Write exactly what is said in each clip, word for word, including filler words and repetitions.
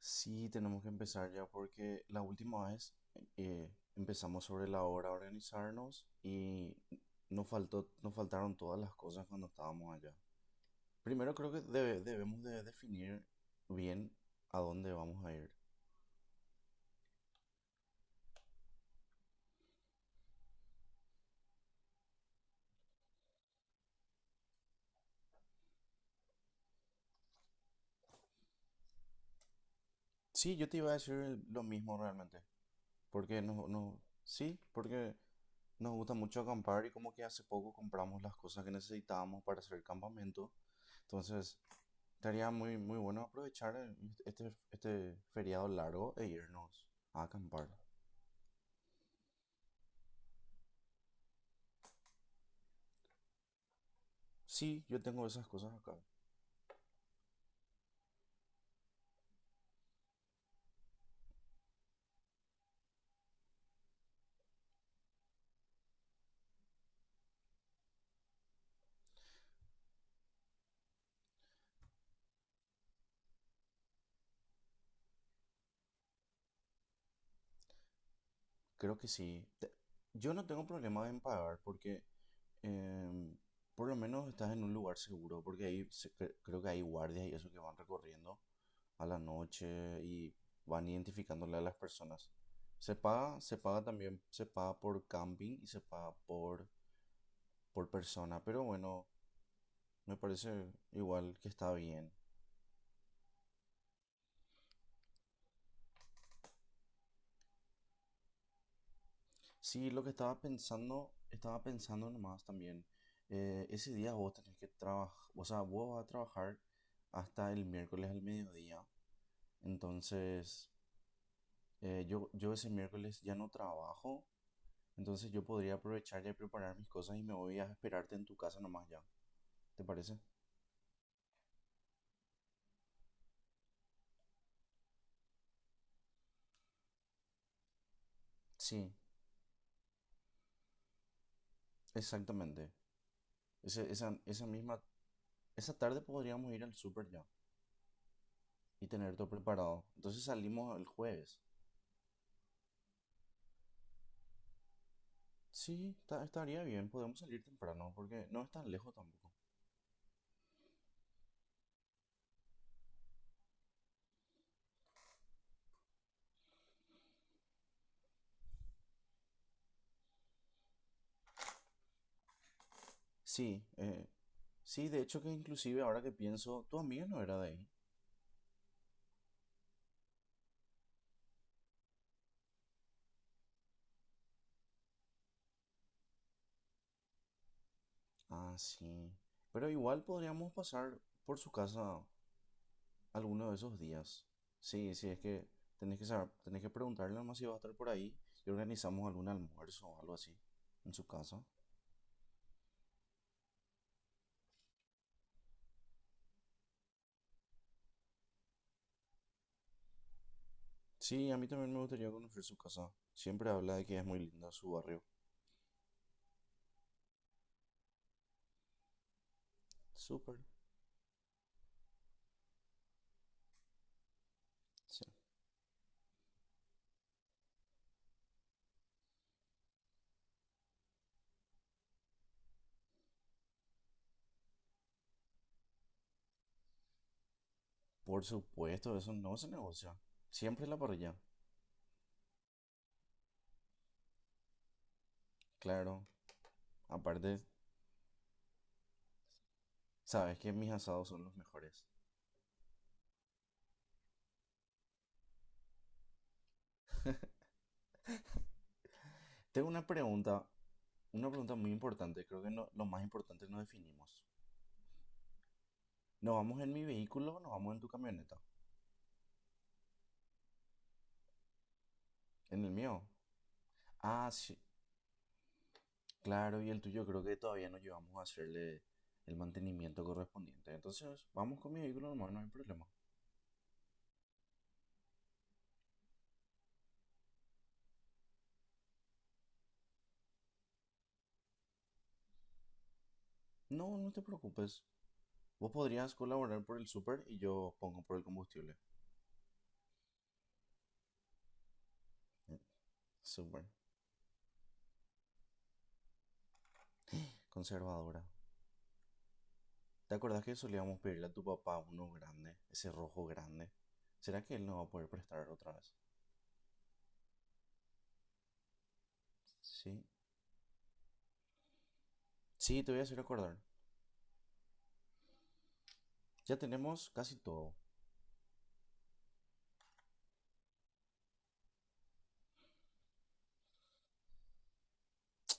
Sí, tenemos que empezar ya porque la última vez eh, empezamos sobre la hora a organizarnos y nos faltó, nos faltaron todas las cosas cuando estábamos allá. Primero creo que debe- debemos de definir bien a dónde vamos a ir. Sí, yo te iba a decir el- lo mismo realmente, porque nos, nos- sí, porque nos gusta mucho acampar y como que hace poco compramos las cosas que necesitábamos para hacer el campamento. Entonces, estaría muy, muy bueno aprovechar el- este, este feriado largo e irnos a acampar. Sí, yo tengo esas cosas acá. Creo que sí. Te- Yo no tengo problema en pagar porque, em, por lo menos estás en un lugar seguro, porque ahí se- cre- creo que hay guardias y eso que van recorriendo a la noche y van identificándole a las personas. Se paga, se paga también, se paga por camping y se paga por, por persona, pero bueno, me parece igual que está bien. Sí, lo que estaba pensando, estaba pensando nomás también. eh, ese día vos tenés que trabajar, o sea, vos vas a trabajar hasta el miércoles al mediodía. Entonces, eh, yo, yo ese miércoles ya no trabajo. Entonces, yo podría aprovechar ya y preparar mis cosas y me voy a esperarte en tu casa nomás ya. ¿Te parece? Sí, exactamente. Ese- esa, esa misma, esa tarde podríamos ir al súper ya y tener todo preparado. Entonces, salimos el jueves. Sí, ta- estaría bien, podemos salir temprano porque no es tan lejos tampoco. Sí, eh, sí, de hecho que inclusive ahora que pienso, tu amiga no era de ahí. Ah, sí. Pero igual podríamos pasar por su casa alguno de esos días. Sí, sí, es que tenés que saber, tenés que preguntarle nomás si va a estar por ahí y organizamos algún almuerzo o algo así en su casa. Sí, a mí también me gustaría conocer su casa. Siempre habla de que es muy linda su barrio. Súper. Sí. Por supuesto, eso no se negocia. Siempre la parrilla. Claro, aparte, sabes que mis asados son los mejores. Tengo una pregunta, una pregunta muy importante, creo que no, lo más importante nos definimos. ¿Nos vamos en mi vehículo o nos vamos en tu camioneta? ¿En el mío? Ah, sí, claro, y el tuyo creo que todavía no llevamos a hacerle el mantenimiento correspondiente. Entonces, vamos con mi vehículo normal, no hay problema. No, no te preocupes. Vos podrías colaborar por el súper y yo pongo por el combustible. Eh, Súper. Conservadora. ¿Te acordás que solíamos pedirle a tu papá uno grande, ese rojo grande? ¿Será que él no va a poder prestar otra vez? Sí. Sí, te voy a hacer acordar. Ya tenemos casi todo.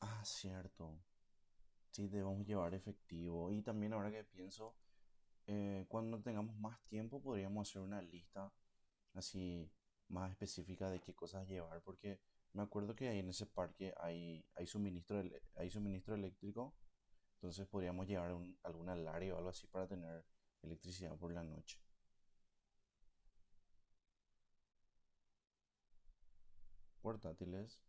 Ah, cierto. Sí, debemos llevar efectivo. Y también ahora que pienso, eh, cuando tengamos más tiempo podríamos hacer una lista así más específica de qué cosas llevar, porque me acuerdo que ahí en ese parque hay, hay suministro, ele- hay suministro eléctrico, entonces podríamos llevar un- algún alario o algo así para tener electricidad por la noche. Portátiles.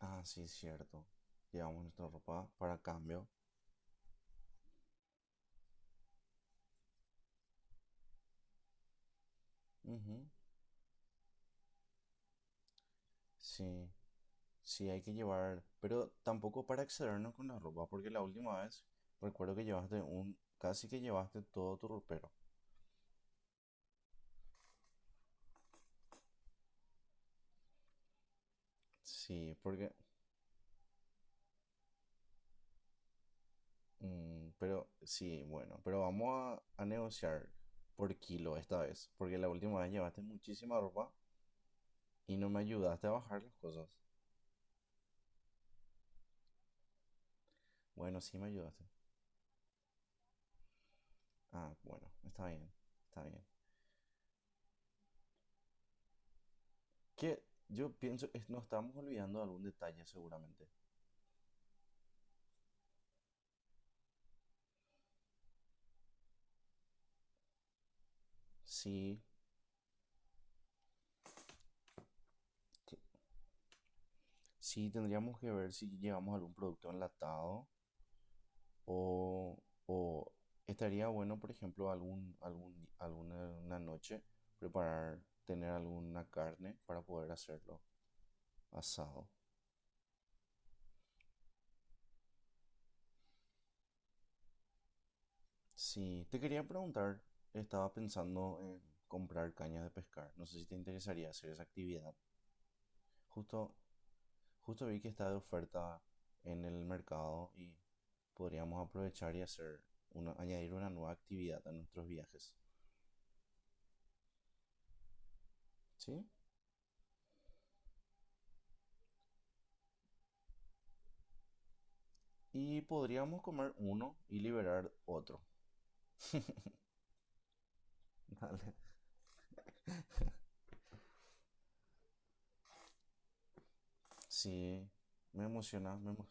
Ah, sí, cierto. Llevamos nuestra ropa para cambio. Ujú. Sí. Sí, hay que llevar, pero tampoco para excedernos con la ropa, porque la última vez recuerdo que llevaste un, casi que llevaste todo tu ropero. Sí, porque, mm, pero sí, bueno, pero vamos a, a negociar por kilo esta vez, porque la última vez llevaste muchísima ropa y no me ayudaste a bajar las cosas. Bueno, sí me ayudaste. Ah, bueno, está bien, está bien. Que yo pienso, es- nos estamos olvidando de algún detalle seguramente. Sí, sí, tendríamos que ver si llevamos algún producto enlatado o, o estaría bueno, por ejemplo, algún, algún, di- alguna una noche preparar, tener alguna carne para poder hacerlo asado. Sí, te quería preguntar, estaba pensando en comprar cañas de pescar. No sé si te interesaría hacer esa actividad. Justo, justo vi que está de oferta en el mercado y podríamos aprovechar y hacer una, añadir una nueva actividad a nuestros viajes. ¿Sí? Y podríamos comer uno y liberar otro. Dale. Sí, me emociona, me emo-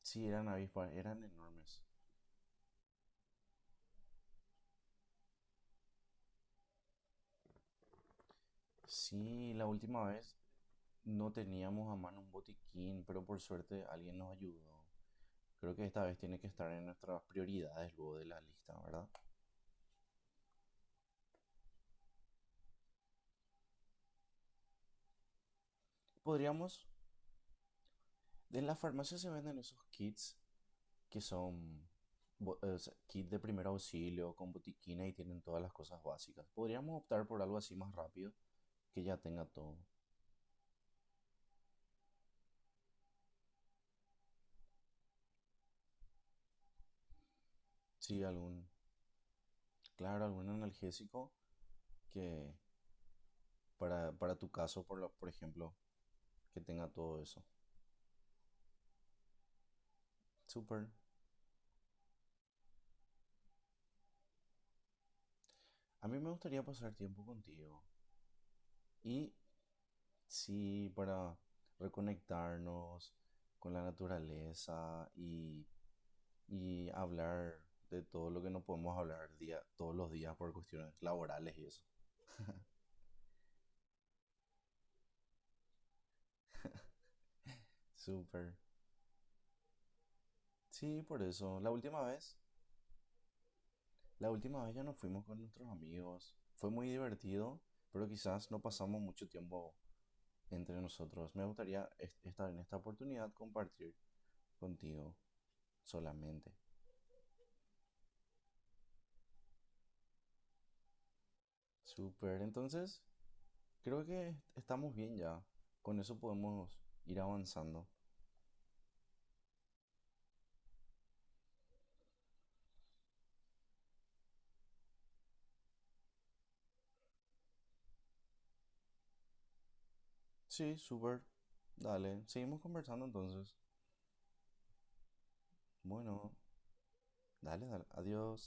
sí, eran avispas, eran enormes. Sí, la última vez no teníamos a mano un botiquín, pero por suerte alguien nos ayudó. Creo que esta vez tiene que estar en nuestras prioridades luego de la lista, ¿verdad? Podríamos... En las farmacias se venden esos kits que son bo- eh, o sea, kit de primer auxilio con botiquina y tienen todas las cosas básicas. Podríamos optar por algo así más rápido que ya tenga todo. Sí, algún, claro, algún analgésico que para, para tu caso, por, la- por ejemplo, que tenga todo eso. Súper. A mí me gustaría pasar tiempo contigo. Y sí, para reconectarnos con la naturaleza y, y hablar de todo lo que no podemos hablar día, todos los días por cuestiones laborales y eso. Súper. Sí, por eso. La última vez La última vez ya nos fuimos con nuestros amigos. Fue muy divertido, pero quizás no pasamos mucho tiempo entre nosotros. Me gustaría est- estar en esta oportunidad compartir contigo solamente. Súper, entonces creo que estamos bien ya. Con eso podemos ir avanzando. Sí, súper. Dale, seguimos conversando entonces. Bueno, dale, dale. Adiós.